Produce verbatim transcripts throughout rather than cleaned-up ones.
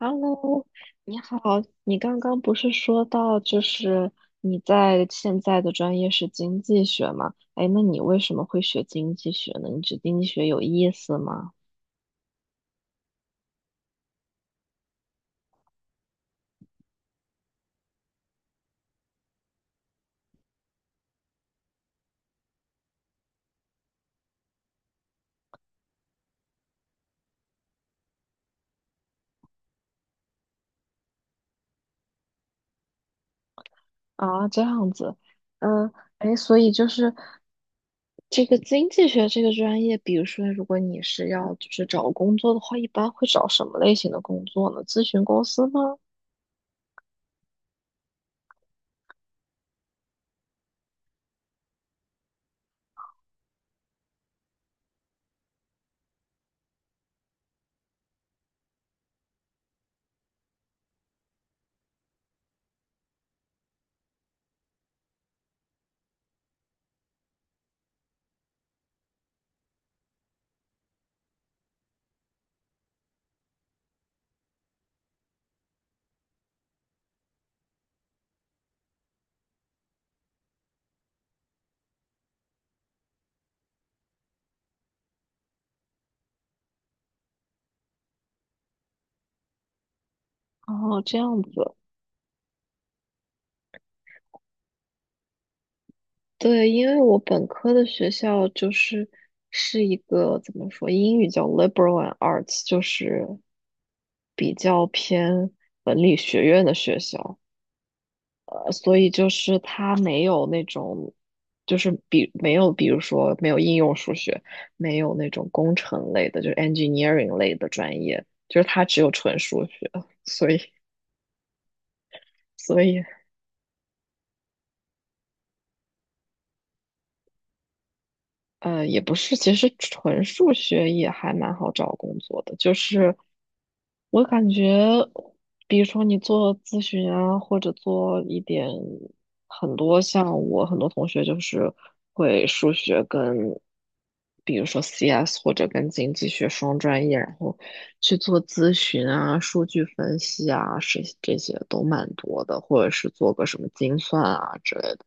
Hello，你好，你刚刚不是说到就是你在现在的专业是经济学吗？哎，那你为什么会学经济学呢？你觉得经济学有意思吗？啊，这样子，嗯，哎，所以就是这个经济学这个专业，比如说如果你是要就是找工作的话，一般会找什么类型的工作呢？咨询公司吗？哦，这样子，对，因为我本科的学校就是是一个怎么说，英语叫 liberal and arts，就是比较偏文理学院的学校，呃，所以就是它没有那种，就是比没有，比如说没有应用数学，没有那种工程类的，就是 engineering 类的专业，就是它只有纯数学，所以所以呃，也不是，其实纯数学也还蛮好找工作的。就是我感觉，比如说你做咨询啊，或者做一点很多像我很多同学就是会数学跟，比如说 C S 或者跟经济学双专业，然后去做咨询啊、数据分析啊，是这些都蛮多的，或者是做个什么精算啊之类的，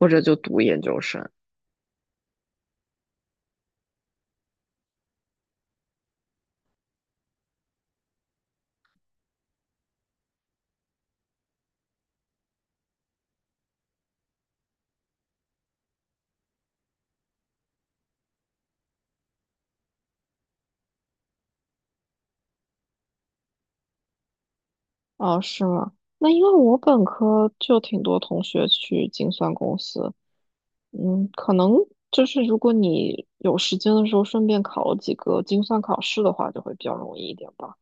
或者就读研究生。哦，是吗？那因为我本科就挺多同学去精算公司，嗯，可能就是如果你有时间的时候顺便考几个精算考试的话，就会比较容易一点吧。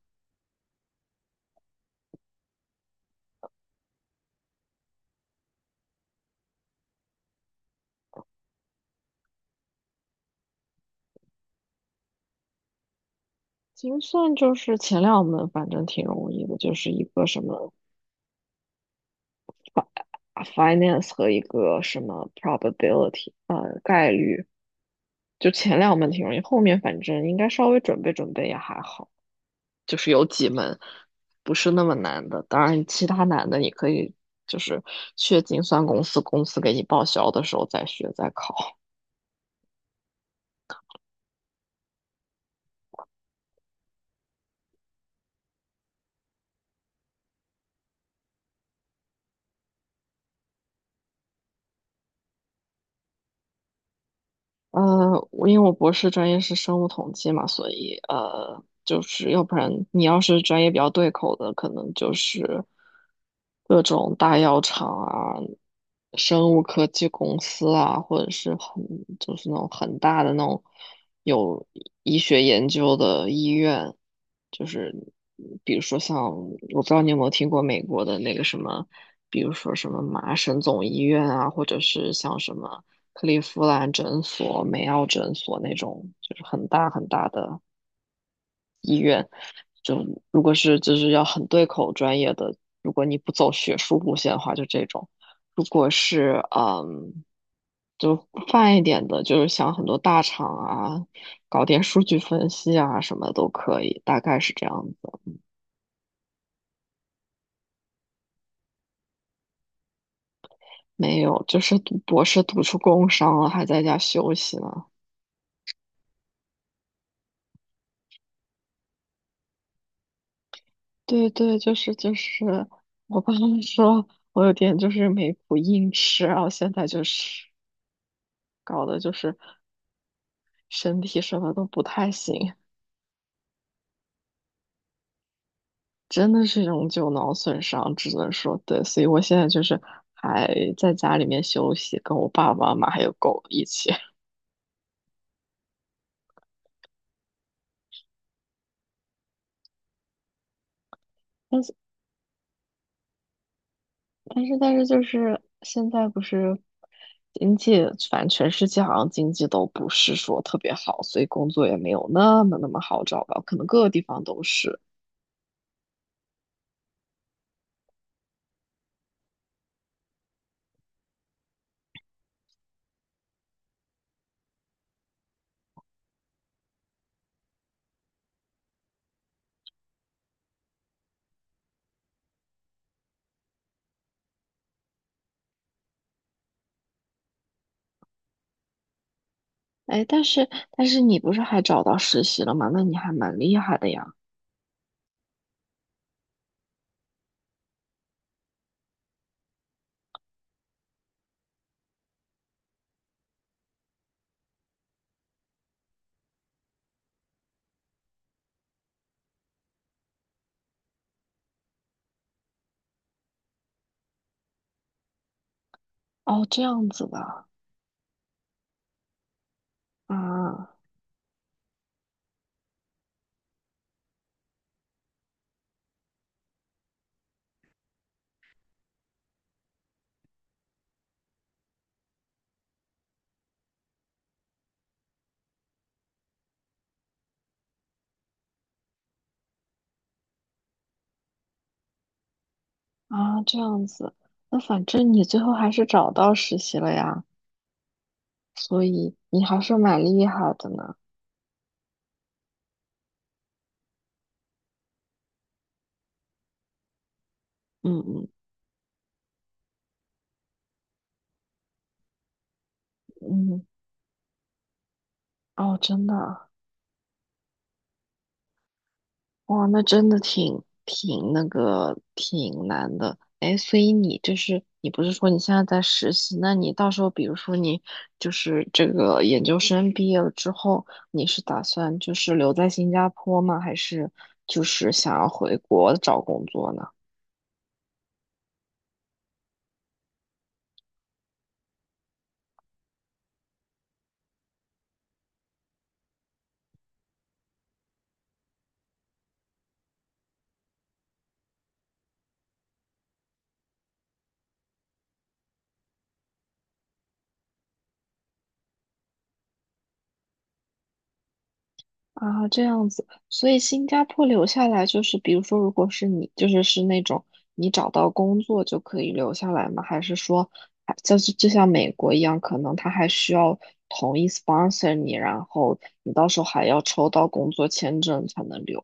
精算就是前两门，反正挺容易的，就是一个什么啊 finance 和一个什么 probability，就前两门挺容易，后面反正应该稍微准备准备也还好。就是有几门不是那么难的，当然其他难的你可以就是去精算公司，公司给你报销的时候再学再考。呃，我因为我博士专业是生物统计嘛，所以呃，就是要不然你要是专业比较对口的，可能就是各种大药厂啊、生物科技公司啊，或者是很就是那种很大的那种有医学研究的医院，就是比如说像我不知道你有没有听过美国的那个什么，比如说什么麻省总医院啊，或者是像什么。克利夫兰诊所、梅奥诊所那种，就是很大很大的。就如果是就是要很对口专业的，如果你不走学术路线的话，就这种；如果是嗯，就泛一点的，就是想很多大厂啊，搞点数据分析啊什么都可以，大概是这样子。没有，就是读博士读出工伤了，还在家休息呢，对对，就是就是，我爸妈说我有点就是没谱硬吃，然后现在就是搞的就是身体什么都不太行，真的是永久脑损伤，只能说对，所以我现在就是还在家里面休息，跟我爸爸妈妈还有狗一起。但是但是就是现在不是经济，反正全世界好像经济都不是说特别好，所以工作也没有那么那么好找吧，可能各个地方都是。哎，但是但是你不是还找到实习了吗？那你还蛮厉害的呀。哦，这样子的啊啊，这样子。那反正你最后还是找到实习了呀，所以你还是蛮厉害的呢。嗯嗯嗯，哦，真的啊。哇，那真的挺挺那个挺难的。哎，所以你就是你不是说你现在在实习？那你到时候比如说你就是这个研究生毕业了之后，你是打算就是留在新加坡吗？还是就是想要回国找工作呢？啊，这样子，所以新加坡留下来就是，比如说，如果是你，就是是那种你找到工作就可以留下来吗？还是说，还就是就像美国一样，可能他还需要同意 sponsor 你，然后你到时候还要抽到工作签证才能留？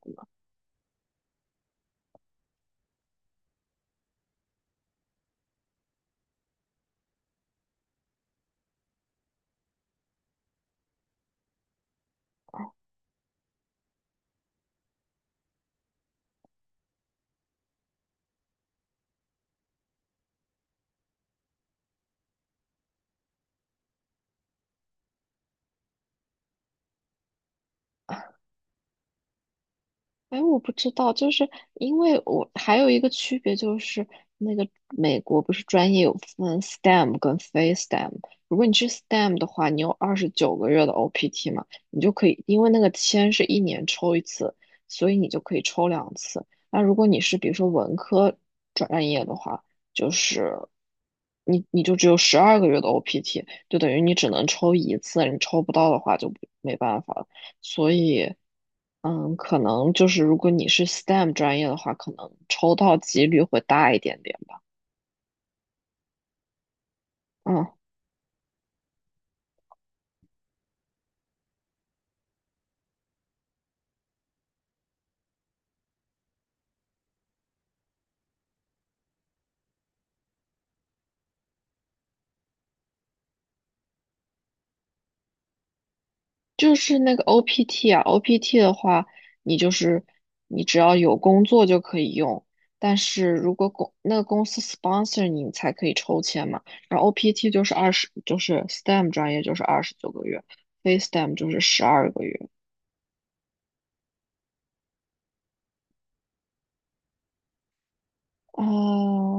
哎，我不知道，就是因为我还有一个区别就是，那个美国不是专业有分 STEM 跟非 STEM。如果你去 STEM 的话，你有二十九个月的 O P T 嘛，你就可以，因为那个签是一年抽一次，所以你就可以抽两次。那如果你是比如说文科专业的话，就是你你就只有十二个月的 O P T，就等于你只能抽一次，你抽不到的话就没办法。了。所以，嗯，可能就是如果你是 STEM 专业的话，可能抽到几率会大一点点吧。嗯，就是那个 O P T 啊，O P T 的话，你就是你只要有工作就可以用，但是如果公那个公司 sponsor 你，你才可以抽签嘛。然后 O P T 就是二十，就是 STEM 专业就是二十九个月，非 STEM 就是十二个月。啊、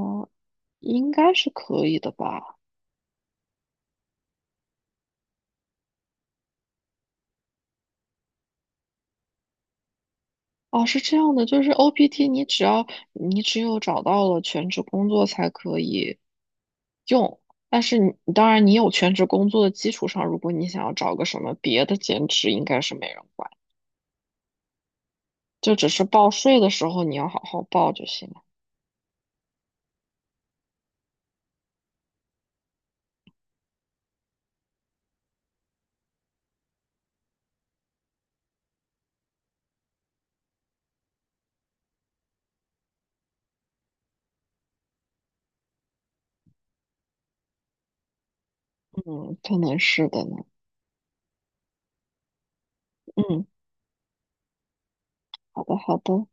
应该是可以的吧。哦，是这样的，就是 O P T，你只要你只有找到了全职工作才可以用，但是你当然你有全职工作的基础上，如果你想要找个什么别的兼职，应该是没人管，就只是报税的时候你要好好报就行了。嗯，可能是的呢。嗯，好的，好的，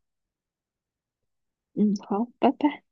嗯，好，拜拜。